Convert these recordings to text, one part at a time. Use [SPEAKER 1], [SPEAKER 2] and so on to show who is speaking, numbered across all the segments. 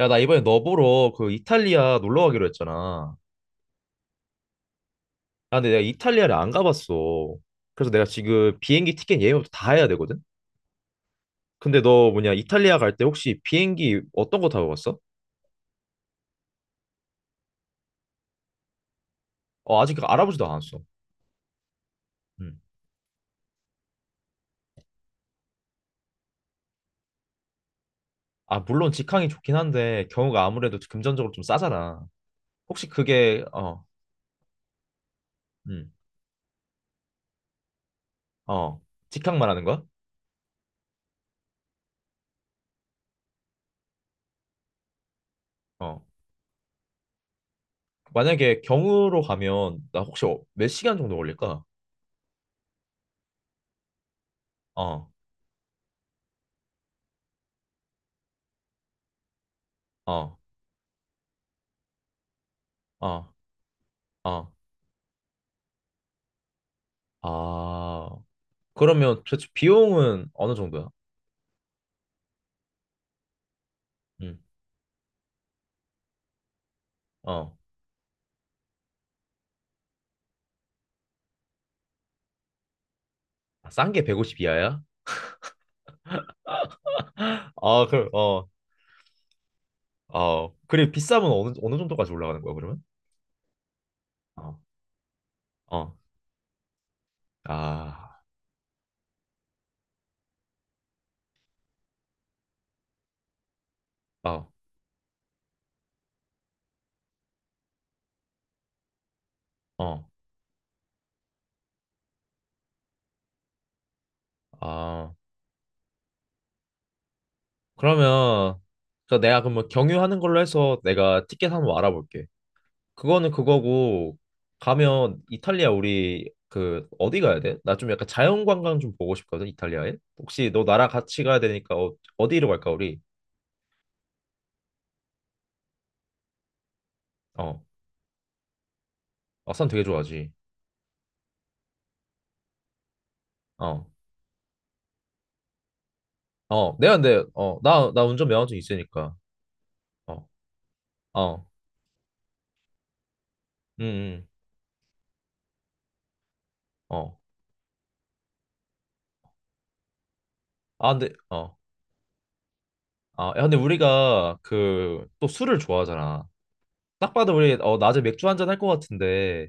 [SPEAKER 1] 야, 나 이번에 너 보러 그 이탈리아 놀러 가기로 했잖아. 아, 근데 내가 이탈리아를 안 가봤어. 그래서 내가 지금 비행기 티켓 예매부터 다 해야 되거든? 근데 너 뭐냐, 이탈리아 갈 때 혹시 비행기 어떤 거 타고 갔어? 어, 아직 알아보지도 않았어. 음. 아, 물론 직항이 좋긴 한데, 경우가 아무래도 금전적으로 좀 싸잖아. 혹시 그게, 어, 음, 어, 직항 말하는 거야? 어. 만약에 경유로 가면, 나 혹시 몇 시간 정도 걸릴까? 어, 어, 어, 어. 아, 그러면 도대체 비용은 어느 정도야? 음. 어. 아, 싼게 150 이하야? 아, 그럼 어. 어. 그리고 비싸면 어느 정도까지 올라가는 거야, 그러면? 어. 어. 아. 어. 어. 아. 그러면 그 내가 그러면 경유하는 걸로 해서 내가 티켓 한번 알아볼게. 그거는 그거고 가면 이탈리아 우리 그 어디 가야 돼? 나 좀 약간 자연 관광 좀 보고 싶거든, 이탈리아에. 혹시 너 나랑 같이 가야 되니까 어, 어디로 갈까 우리? 어. 아산 되게 좋아하지. 어, 어, 내가 근데, 어, 나 운전 면허증 있으니까, 어, 어, 응, 응, 어, 아, 근데, 어, 아, 야, 근데 우리가 그, 또 술을 좋아하잖아. 딱 봐도 우리, 어, 낮에 맥주 한잔 할 것 같은데,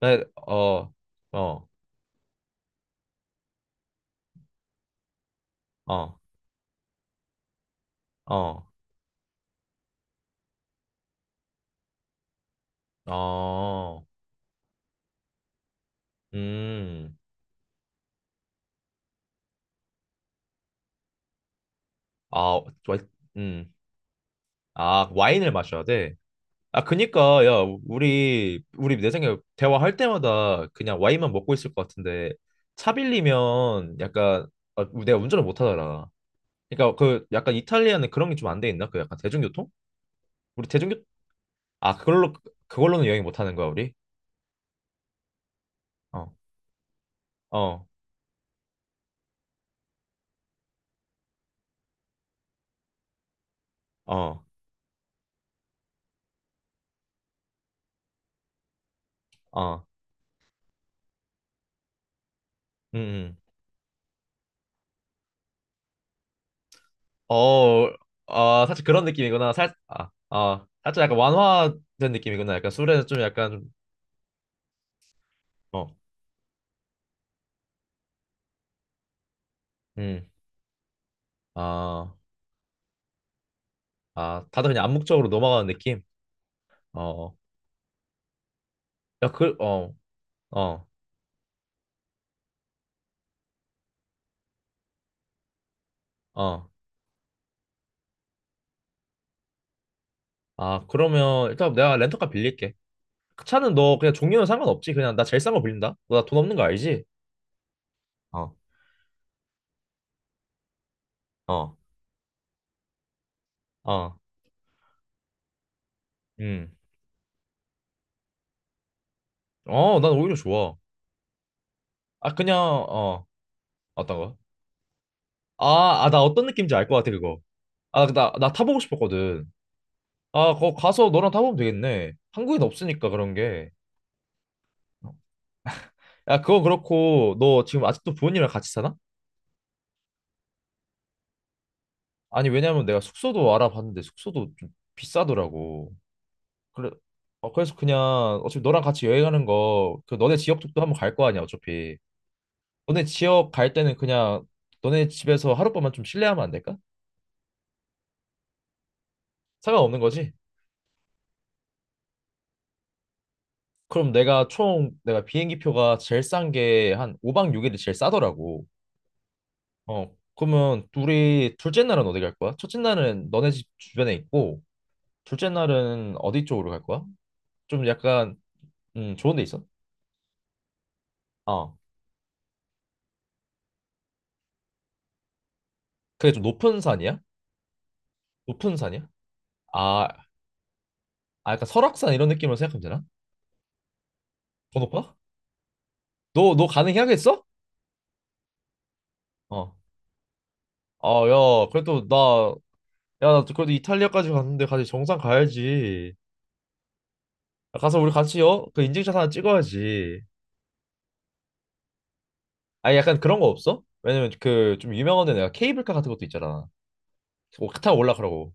[SPEAKER 1] 나, 어, 어, 어, 어, 어, 음, 아, 와, 음, 아, 와인을 마셔야 돼. 아, 그니까, 야, 우리 내 생각에 대화할 때마다 그냥 와인만 먹고 있을 것 같은데, 차 빌리면 약간, 아, 내가 운전을 못 하잖아. 그니까 그 약간 이탈리아는 그런 게 좀 안 돼 있나? 그 약간 대중교통? 우리 대중교, 아, 그걸로, 그걸로는 여행 못 하는 거야, 우리? 어, 어, 어, 어, 음, 음. 어, 아, 사실 그런 느낌이구나. 아, 아, 살짝 약간 완화된 느낌이구나. 약간 술에는 좀 약간, 좀, 어, 음, 아, 아, 다들 그냥 암묵적으로 넘어가는 느낌? 어. 어. 야, 그, 어, 어, 어. 아, 그러면 일단 내가 렌터카 빌릴게. 그 차는 너 그냥 종류는 상관없지. 그냥 나 제일 싼 거 빌린다. 너 나 돈 없는 거 알지? 어, 어, 어, 음. 어, 난 오히려 좋아. 아, 그냥, 어, 어떤 거? 아, 아, 나 어떤 느낌인지 알 것 같아, 그거. 아, 나 타보고 싶었거든. 아, 거 가서 너랑 타보면 되겠네. 한국엔 없으니까 그런 게. 야, 그건 그렇고, 너 지금 아직도 부모님이랑 같이 사나? 아니, 왜냐면 내가 숙소도 알아봤는데 숙소도 좀 비싸더라고. 그래, 어, 그래서 그냥 어차피 너랑 같이 여행하는 거, 그 너네 지역 쪽도 한번 갈 거 아니야, 어차피. 너네 지역 갈 때는 그냥 너네 집에서 하룻밤만 좀 실내하면 안 될까? 상관없는 거지? 그럼 내가 비행기 표가 제일 싼 게 한 5박 6일이 제일 싸더라고. 어, 그러면 둘이 둘째 날은 어디 갈 거야? 첫째 날은 너네 집 주변에 있고, 둘째 날은 어디 쪽으로 갈 거야? 좀 약간, 좋은 데 있어? 어, 그게 좀 높은 산이야? 높은 산이야? 아, 아, 약간 설악산 이런 느낌으로 생각하면 되나? 번호가? 너 가능해야겠어? 어. 아, 야, 그래도 나, 야, 나 그래도 이탈리아까지 갔는데 같이 정상 가야지. 가서 우리 같이, 어? 그 인증샷 하나 찍어야지. 아니, 약간 그런 거 없어? 왜냐면 그 좀 유명한 데 내가 케이블카 같은 것도 있잖아. 그거 타고 올라가라고.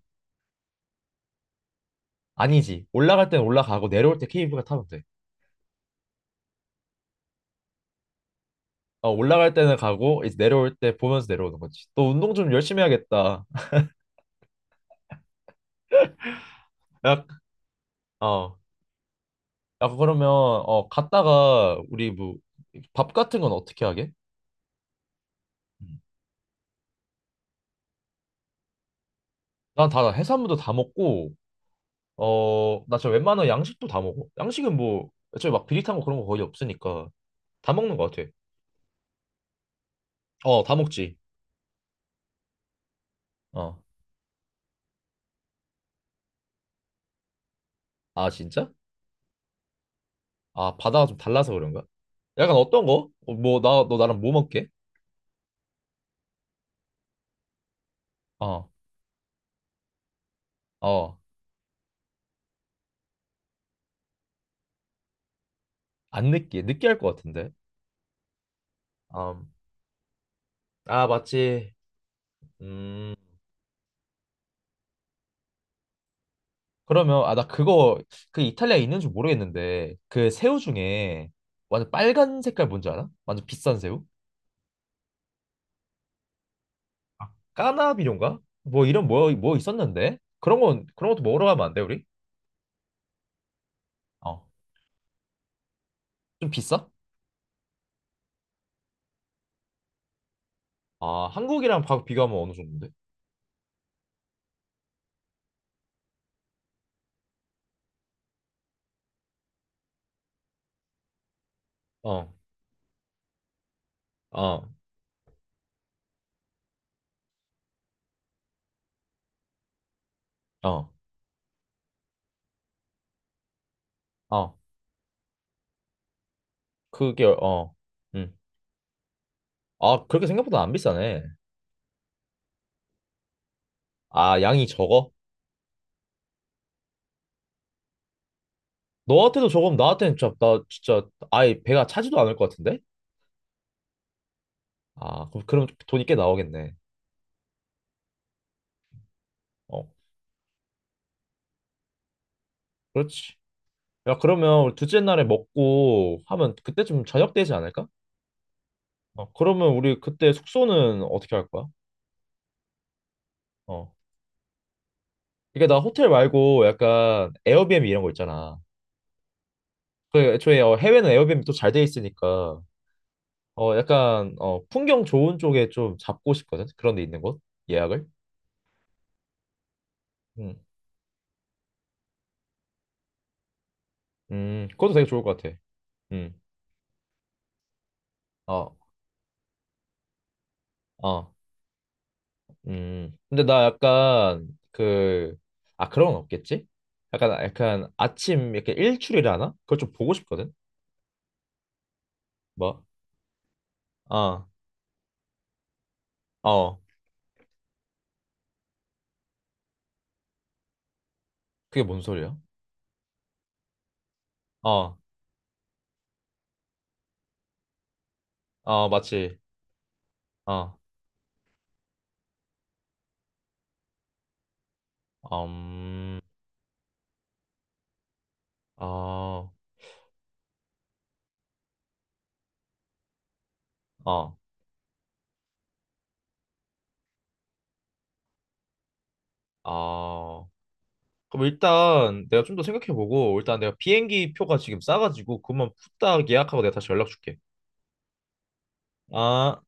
[SPEAKER 1] 아니지. 올라갈 때는 올라가고 내려올 때 케이블카 타면 돼. 어, 올라갈 때는 가고 이제 내려올 때 보면서 내려오는 거지. 또 운동 좀 열심히 해야겠다. 야, 어. 야, 그러면 어 갔다가 우리 뭐 밥 같은 건 어떻게 하게? 난 다 해산물도 다 먹고 어 나 진짜 웬만한 양식도 다 먹어. 양식은 뭐 애초에 막 비릿한 거 그런 거 거의 없으니까 다 먹는 것 같아. 어 다 먹지. 어. 아 진짜? 아 바다가 좀 달라서 그런가? 약간 어떤 거? 어, 뭐 나 너 나랑 뭐 먹게? 어. 어. 안 느끼해. 느끼할 것 같은데. 음. 아 맞지. 음. 그러면 아 나 그거 그 이탈리아에 있는 줄 모르겠는데 그 새우 중에 완전 빨간 색깔 뭔지 알아? 완전 비싼 새우? 아, 까나비료인가? 뭐 이런 뭐, 뭐 있었는데? 그런 건 그런 것도 먹으러 가면 안 돼, 우리? 어. 좀 비싸? 아, 한국이랑 비교하면 어느 정도인데? 어. 어. 어. 어. 그게 어. 음. 아, 그렇게 생각보다 안 비싸네. 아, 양이 적어? 너한테도 적으면 나한테는 진짜 나 진짜 아예 배가 차지도 않을 것 같은데? 아, 그럼 돈이 꽤 나오겠네. 어. 그렇지. 야, 그러면 우리 둘째 날에 먹고 하면 그때쯤 저녁 되지 않을까? 어, 그러면 우리 그때 숙소는 어떻게 할 거야? 어. 그러니까 나 호텔 말고 약간 에어비앤비 이런 거 있잖아. 그 애초에 어, 해외는 에어비앤비 또 잘 돼 있으니까 어 약간 어 풍경 좋은 쪽에 좀 잡고 싶거든. 그런 데 있는 곳 예약을. 음, 그것도 되게 좋을 것 같아. 음, 어, 어, 근데 나 약간 그 아 그런 건 없겠지? 약간 약간 아침 이렇게 일출이라 하나? 그걸 좀 보고 싶거든. 뭐? 어, 어. 그게 뭔 소리야? 어, 어, 맞지. 어, 음, 어. 어. 아. 그럼 일단 내가 좀 더 생각해보고 일단 내가 비행기 표가 지금 싸가지고 그것만 후딱 예약하고 내가 다시 연락 줄게. 아.